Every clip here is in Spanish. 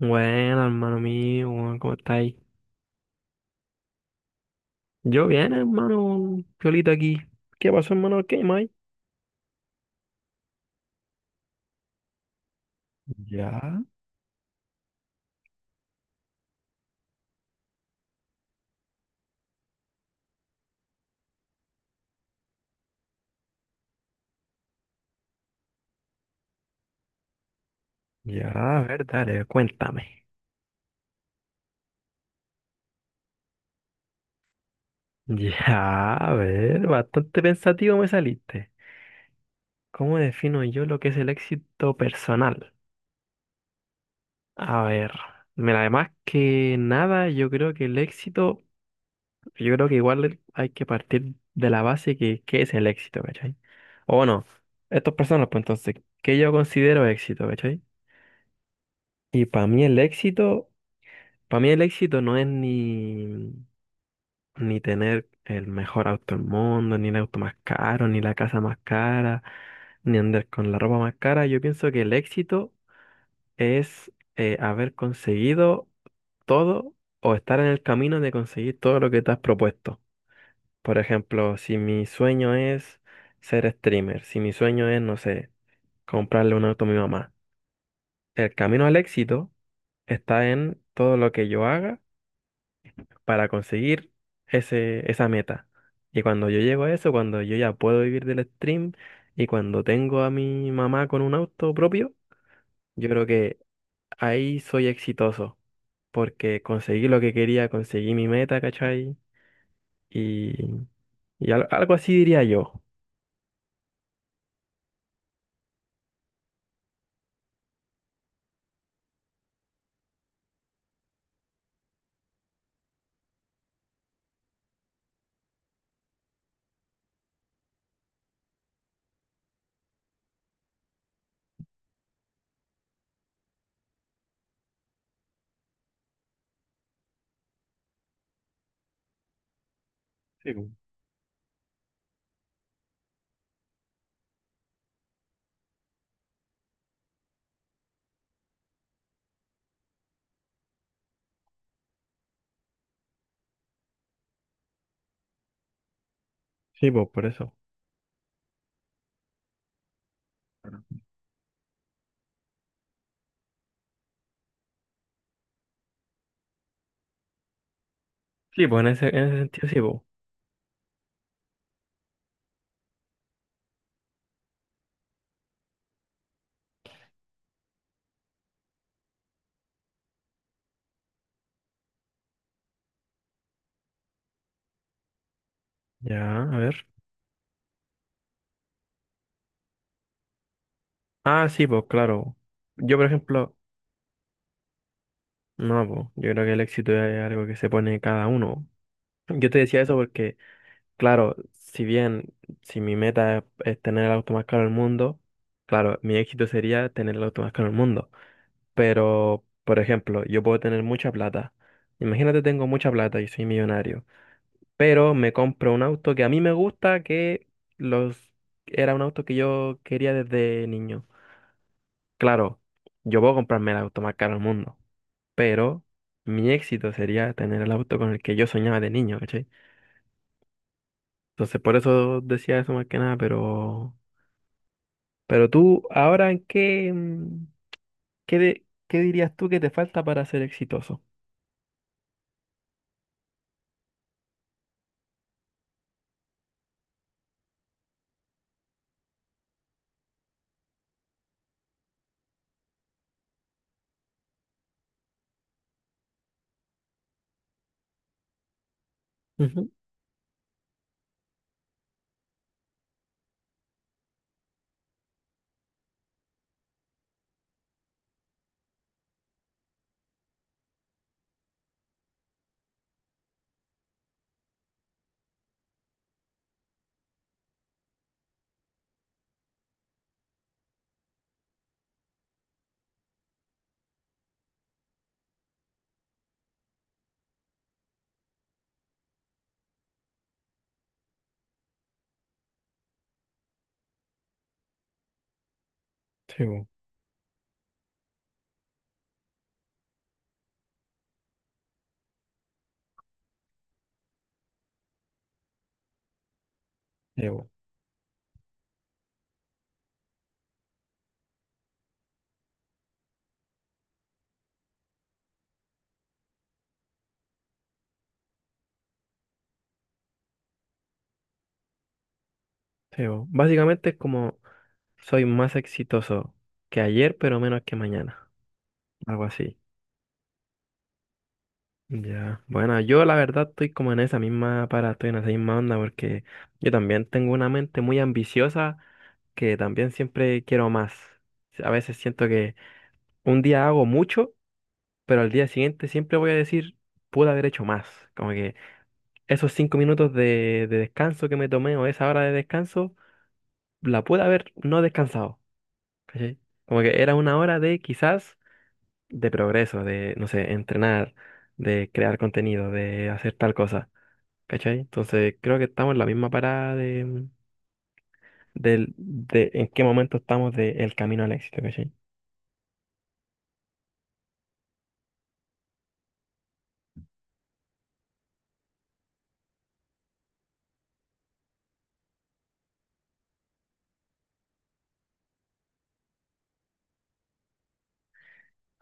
Bueno, hermano mío, weón, ¿cómo estáis? Yo bien, hermano, Piolita aquí. ¿Qué pasó, hermano? ¿Qué más? Ya, ya, a ver, dale. Cuéntame. Ya, a ver, bastante pensativo me saliste. ¿Cómo defino yo lo que es el éxito personal? A ver, mira, además que nada, yo creo que el éxito, yo creo que igual hay que partir de la base que qué es el éxito, ¿cachai? O bueno, estas personas, pues entonces, ¿qué yo considero éxito? ¿Cachai? Y para mí el éxito, para mí el éxito no es ni tener el mejor auto del mundo, ni el auto más caro, ni la casa más cara, ni andar con la ropa más cara. Yo pienso que el éxito es haber conseguido todo o estar en el camino de conseguir todo lo que te has propuesto. Por ejemplo, si mi sueño es ser streamer, si mi sueño es, no sé, comprarle un auto a mi mamá, el camino al éxito está en todo lo que yo haga para conseguir ese, esa meta. Y cuando yo llego a eso, cuando yo ya puedo vivir del stream y cuando tengo a mi mamá con un auto propio, yo creo que ahí soy exitoso, porque conseguí lo que quería, conseguí mi meta, ¿cachai? Y, algo así diría yo. Sí, po. Sí, pues, por eso. Sí, pues, en ese sentido, sí, pues. Ya, a ver. Ah, sí, pues, claro. Yo, por ejemplo, no, pues, yo creo que el éxito es algo que se pone cada uno. Yo te decía eso porque, claro, si bien si mi meta es tener el auto más caro del mundo, claro, mi éxito sería tener el auto más caro del mundo. Pero, por ejemplo, yo puedo tener mucha plata. Imagínate, tengo mucha plata y soy millonario, pero me compro un auto que a mí me gusta, que los era un auto que yo quería desde niño. Claro, yo puedo comprarme el auto más caro del mundo, pero mi éxito sería tener el auto con el que yo soñaba de niño, ¿cachai? Entonces, por eso decía eso más que nada, pero tú, ahora, ¿en qué, qué, qué dirías tú que te falta para ser exitoso? Ujú. Sí, bo, sí, bo, sí, bo. Básicamente es como soy más exitoso que ayer, pero menos que mañana. Algo así. Ya. Bueno, yo la verdad estoy como en esa misma estoy en esa misma onda porque yo también tengo una mente muy ambiciosa que también siempre quiero más. A veces siento que un día hago mucho, pero al día siguiente siempre voy a decir, pude haber hecho más. Como que esos 5 minutos de descanso que me tomé o esa hora de descanso, la pude haber no descansado, ¿cachai? Como que era una hora de quizás de progreso, de, no sé, entrenar, de crear contenido, de hacer tal cosa. ¿Cachai? Entonces creo que estamos en la misma parada de, de en qué momento estamos del camino al éxito. ¿Cachai?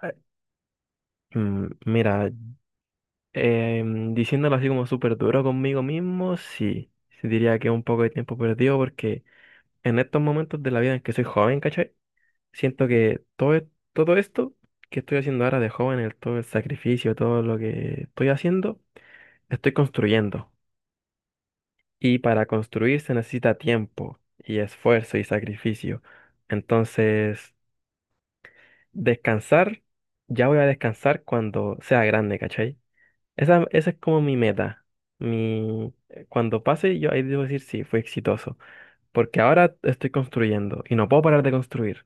Eh, Mira, diciéndolo así como súper duro conmigo mismo, sí. Sí, diría que es un poco de tiempo perdido porque en estos momentos de la vida en que soy joven, ¿cachai? Siento que todo, todo esto que estoy haciendo ahora de joven, el, todo el sacrificio, todo lo que estoy haciendo, estoy construyendo. Y para construir se necesita tiempo y esfuerzo y sacrificio. Entonces, descansar, ya voy a descansar cuando sea grande, ¿cachai? Esa es como mi meta. Mi, cuando pase, yo ahí debo decir sí, fui exitoso. Porque ahora estoy construyendo y no puedo parar de construir.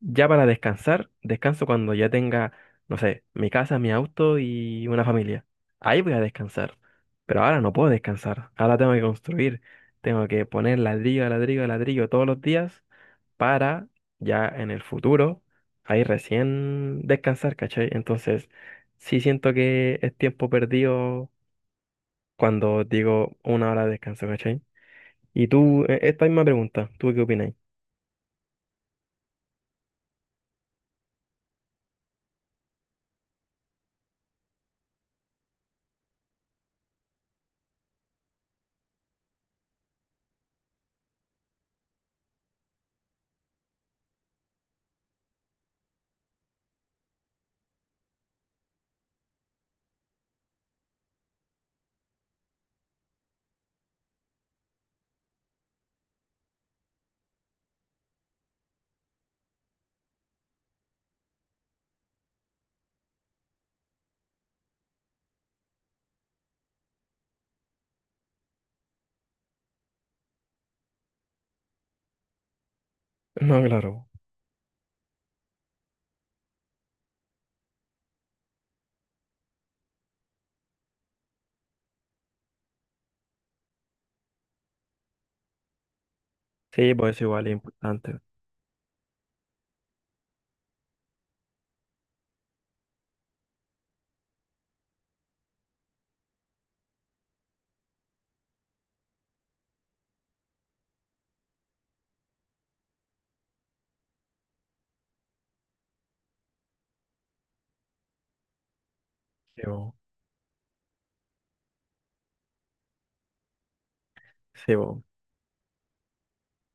Ya para descansar, descanso cuando ya tenga, no sé, mi casa, mi auto y una familia. Ahí voy a descansar. Pero ahora no puedo descansar. Ahora tengo que construir. Tengo que poner ladrillo, a ladrillo, a ladrillo todos los días para ya en el futuro, ahí recién descansar, ¿cachai? Entonces, sí siento que es tiempo perdido cuando digo una hora de descanso, ¿cachai? Y tú, esta misma pregunta, ¿tú qué opinas? No, claro. Sí, pues es igual, es importante. Sí, bo. Sí, pues.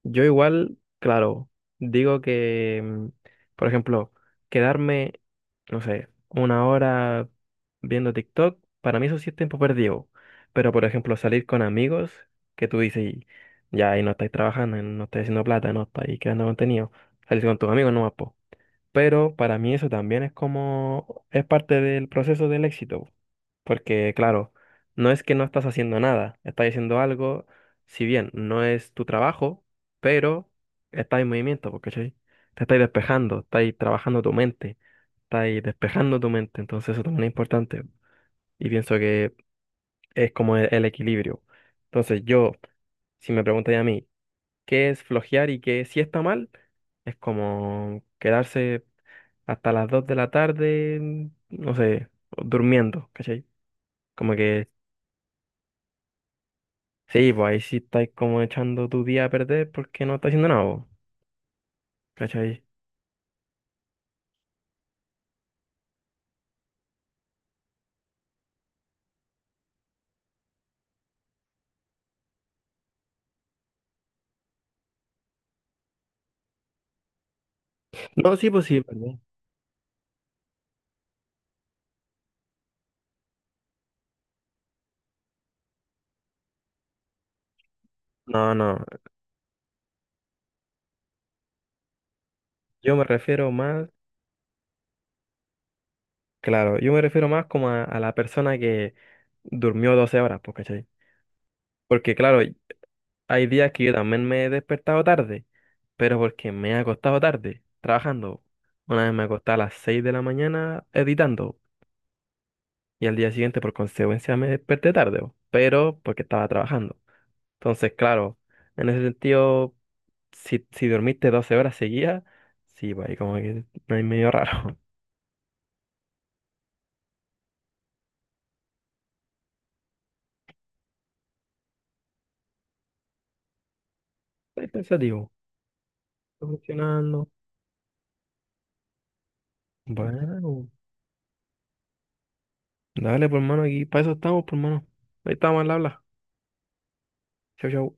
Yo igual, claro, digo que, por ejemplo, quedarme, no sé, una hora viendo TikTok, para mí eso sí es tiempo perdido. Pero, por ejemplo, salir con amigos, que tú dices, ya ahí no estáis trabajando, no estáis haciendo plata, no estáis creando contenido, salir con tus amigos no más, pero para mí eso también es como, es parte del proceso del éxito. Porque claro, no es que no estás haciendo nada, estás haciendo algo, si bien no es tu trabajo, pero estás en movimiento, porque te estás despejando, estás trabajando tu mente, estás despejando tu mente, entonces eso también es importante. Y pienso que es como el equilibrio. Entonces yo, si me preguntáis a mí, ¿qué es flojear y qué si está mal? Es como quedarse hasta las 2 de la tarde, no sé, durmiendo, ¿cachai? Como que, sí, pues ahí sí estáis como echando tu día a perder porque no está haciendo nada, vos, ¿cachai? No, sí, pues sí, ¿verdad? No, no, yo me refiero más, claro, yo me refiero más como a la persona que durmió 12 horas, pues, ¿cachai? Porque, claro, hay días que yo también me he despertado tarde, pero porque me he acostado tarde, trabajando. Una vez me acosté a las 6 de la mañana editando, y al día siguiente por consecuencia me desperté tarde, bo, pero porque estaba trabajando. Entonces, claro, en ese sentido, si dormiste 12 horas seguidas, sí, pues ahí como que no hay medio raro. Estoy pensativo, está funcionando. Bueno, dale, por mano, aquí para eso estamos, por mano. Ahí estamos al habla. Chau, chau.